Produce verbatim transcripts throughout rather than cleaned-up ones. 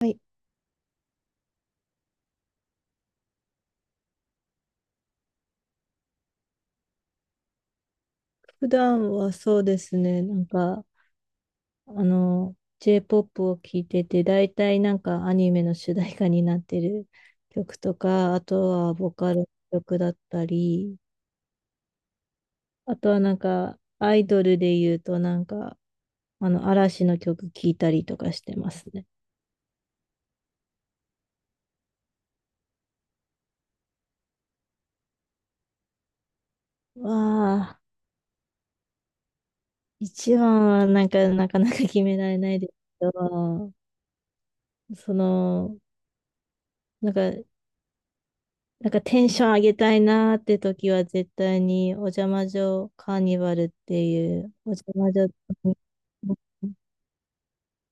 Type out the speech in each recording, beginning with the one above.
はい、普段はそうですね、なんか、あの、J-ジェーポップ を聴いてて、大体なんかアニメの主題歌になってる曲とか、あとはボカロ曲だったり、あとはなんか、アイドルで言うとなんか、あの、嵐の曲聴いたりとかしてますね。わあ、一番はなんか、なかなか決められないですけど、その、なんか、なんかテンション上げたいなーって時は絶対にお邪魔女カーニバルっていうお邪魔女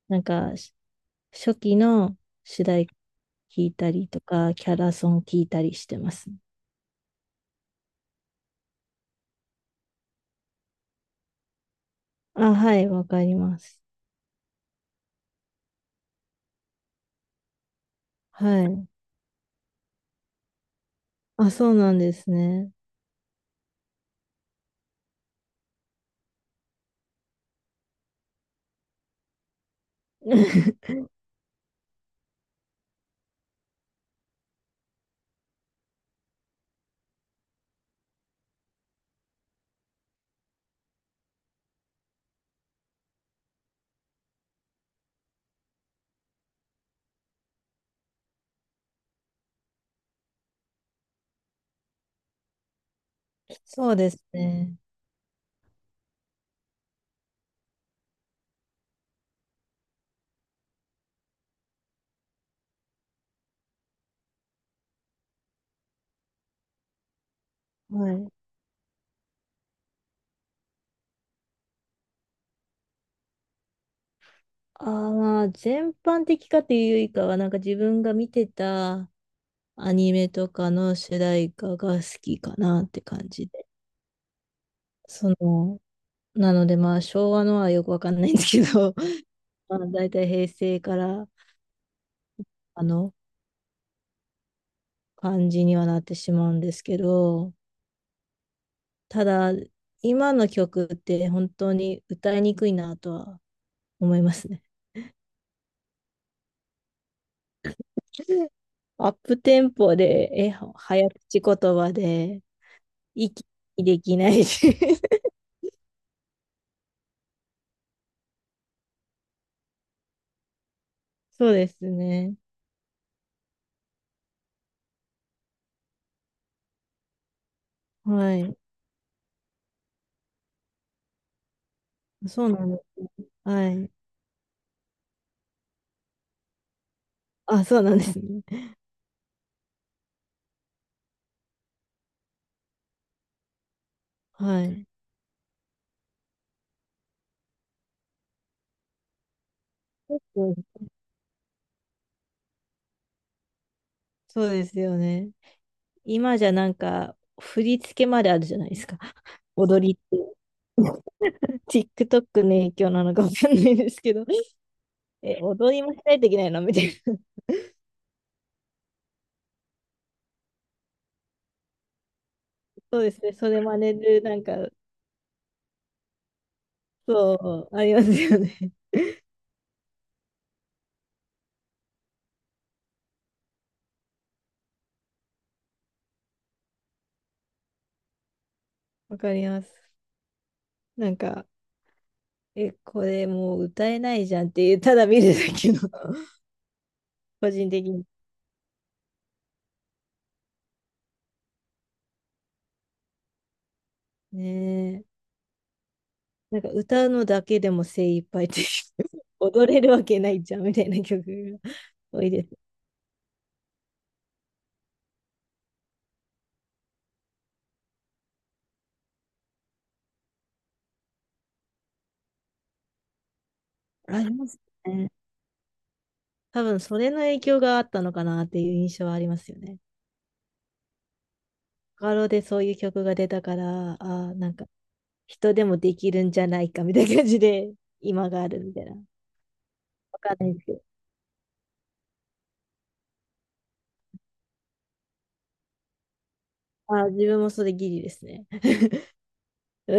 なんかし初期の主題歌聞いたりとかキャラソン聞いたりしてます。あ、はい、わかります。はい。あ、そうなんですね。そうですね。はい。あー、まあ、全般的かというよりかは、なんか自分が見てたアニメとかの主題歌が好きかなって感じ。その、なのでまあ昭和のはよくわかんないんですけど、まあ大体平成からあの感じにはなってしまうんですけど、ただ今の曲って本当に歌いにくいなとは思いますね。アップテンポで、え、早口言葉で、息できないし。そうですね。はい。そうなんです。はい。あ、そうなんですね。はい。そうそうですよね。今じゃなんか、振り付けまであるじゃないですか。踊りって。TikTok の影響なのかわかんないですけど、え、踊りもしないといけないのみたいな。そうですね。それ真似る、なんか、そう、ありますよね。わかります。なんか、え、これもう歌えないじゃんっていう、ただ見るだけの、個人的に。ねえ。なんか歌うのだけでも精一杯っていう、踊れるわけないじゃんみたいな曲が多いです。ありますね。多分それの影響があったのかなっていう印象はありますよね。ガロでそういう曲が出たから、あーなんか人でもできるんじゃないかみたいな感じで今があるみたいな。わかんないですけど。あー自分もそれギリですね。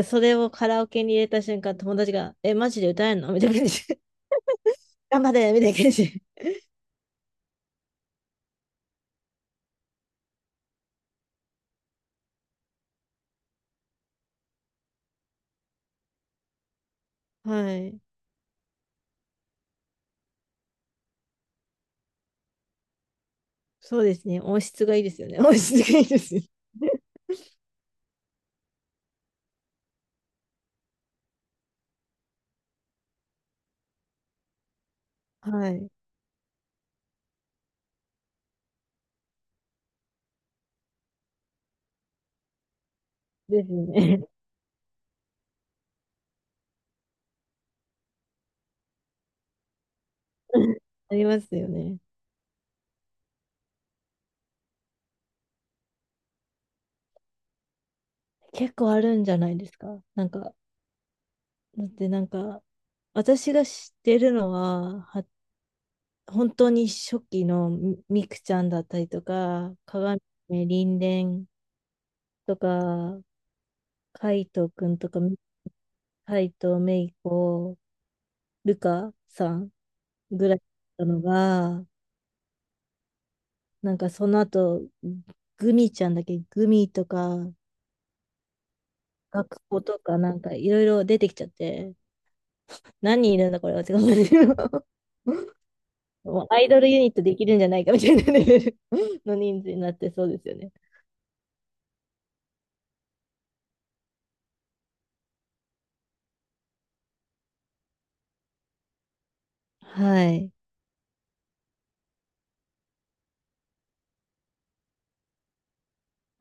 それをカラオケに入れた瞬間、友達が、え、マジで歌えんのみたいな感じで。頑張れみたいな感じで。はい。そうですね。音質がいいですよね。音質がいいですよね。はい。ですね。ありますよね。結構あるんじゃないですか。なんか、だってなんか、私が知ってるのは、は、本当に初期のみみくちゃんだったりとか、鏡めりんれんとか、海斗くんとか、海斗めいこ、ルカさんぐらいだったのが、なんかその後、グミちゃんだっけ、グミとか、学校とか、なんかいろいろ出てきちゃって、何人いるんだこれはって感じの。もうアイドルユニットできるんじゃないかみたいなレベルの人数になってそうですよね。はい。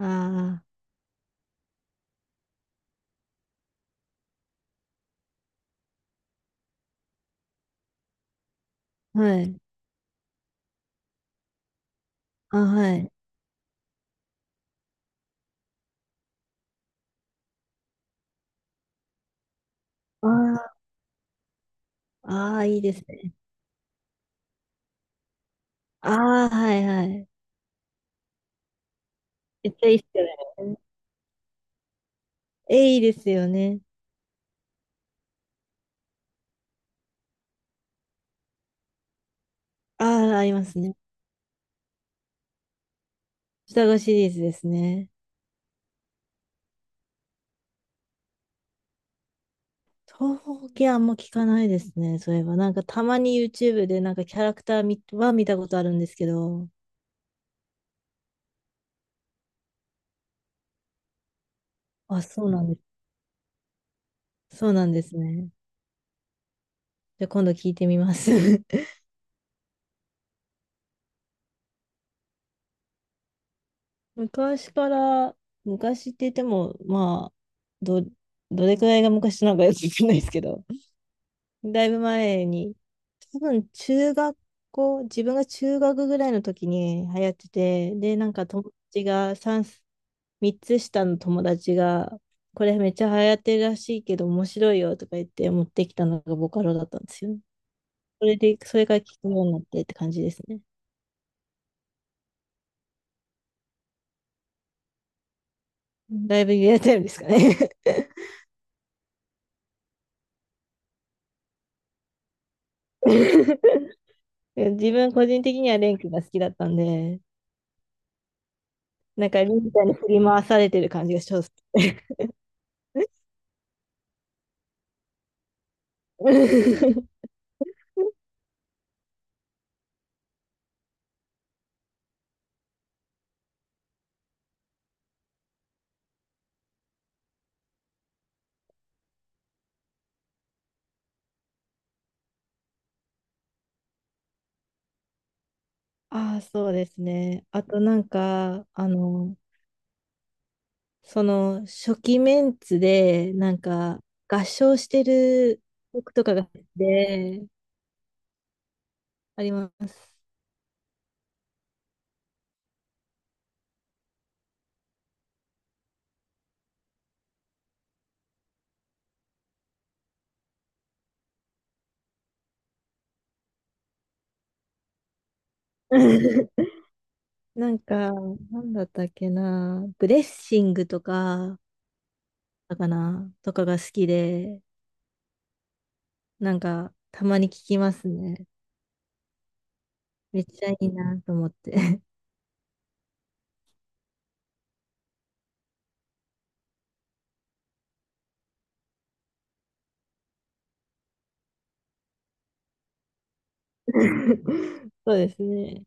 ああ、はい。あ、はい。ああ、ああ、いいですね。ああ、はいはい。めっちゃいいっすよね。え、いいですよね。ああ、ありますね。双子シリーズですね。東方系あんま聞かないですね。そういえば、なんかたまに YouTube でなんかキャラクター見は見たことあるんですけど。あ、そうなんです。そうなんですね。じゃあ今度聞いてみます。昔から、昔って言っても、まあ、ど、どれくらいが昔なのかよくわかんないですけど。だいぶ前に、多分中学校、自分が中学ぐらいの時に流行ってて、で、なんか友達がみっ、つ下の友達が、これめっちゃ流行ってるらしいけど面白いよとか言って持ってきたのがボカロだったんですよね。それで、それから聞くようになってって感じですね。だいぶリアルタイムですかね。自分個人的にはレン君が好きだったんで、なんかレンみたいに振り回されてる感じがします。ああ、そうですね。あとなんか、あの、その初期メンツで、なんか、合唱してる曲とかがで、あります。なんか、なんだったっけな、ブレッシングとか、だかな、とかが好きで、なんか、たまに聞きますね。めっちゃいいなと思って。そうですね。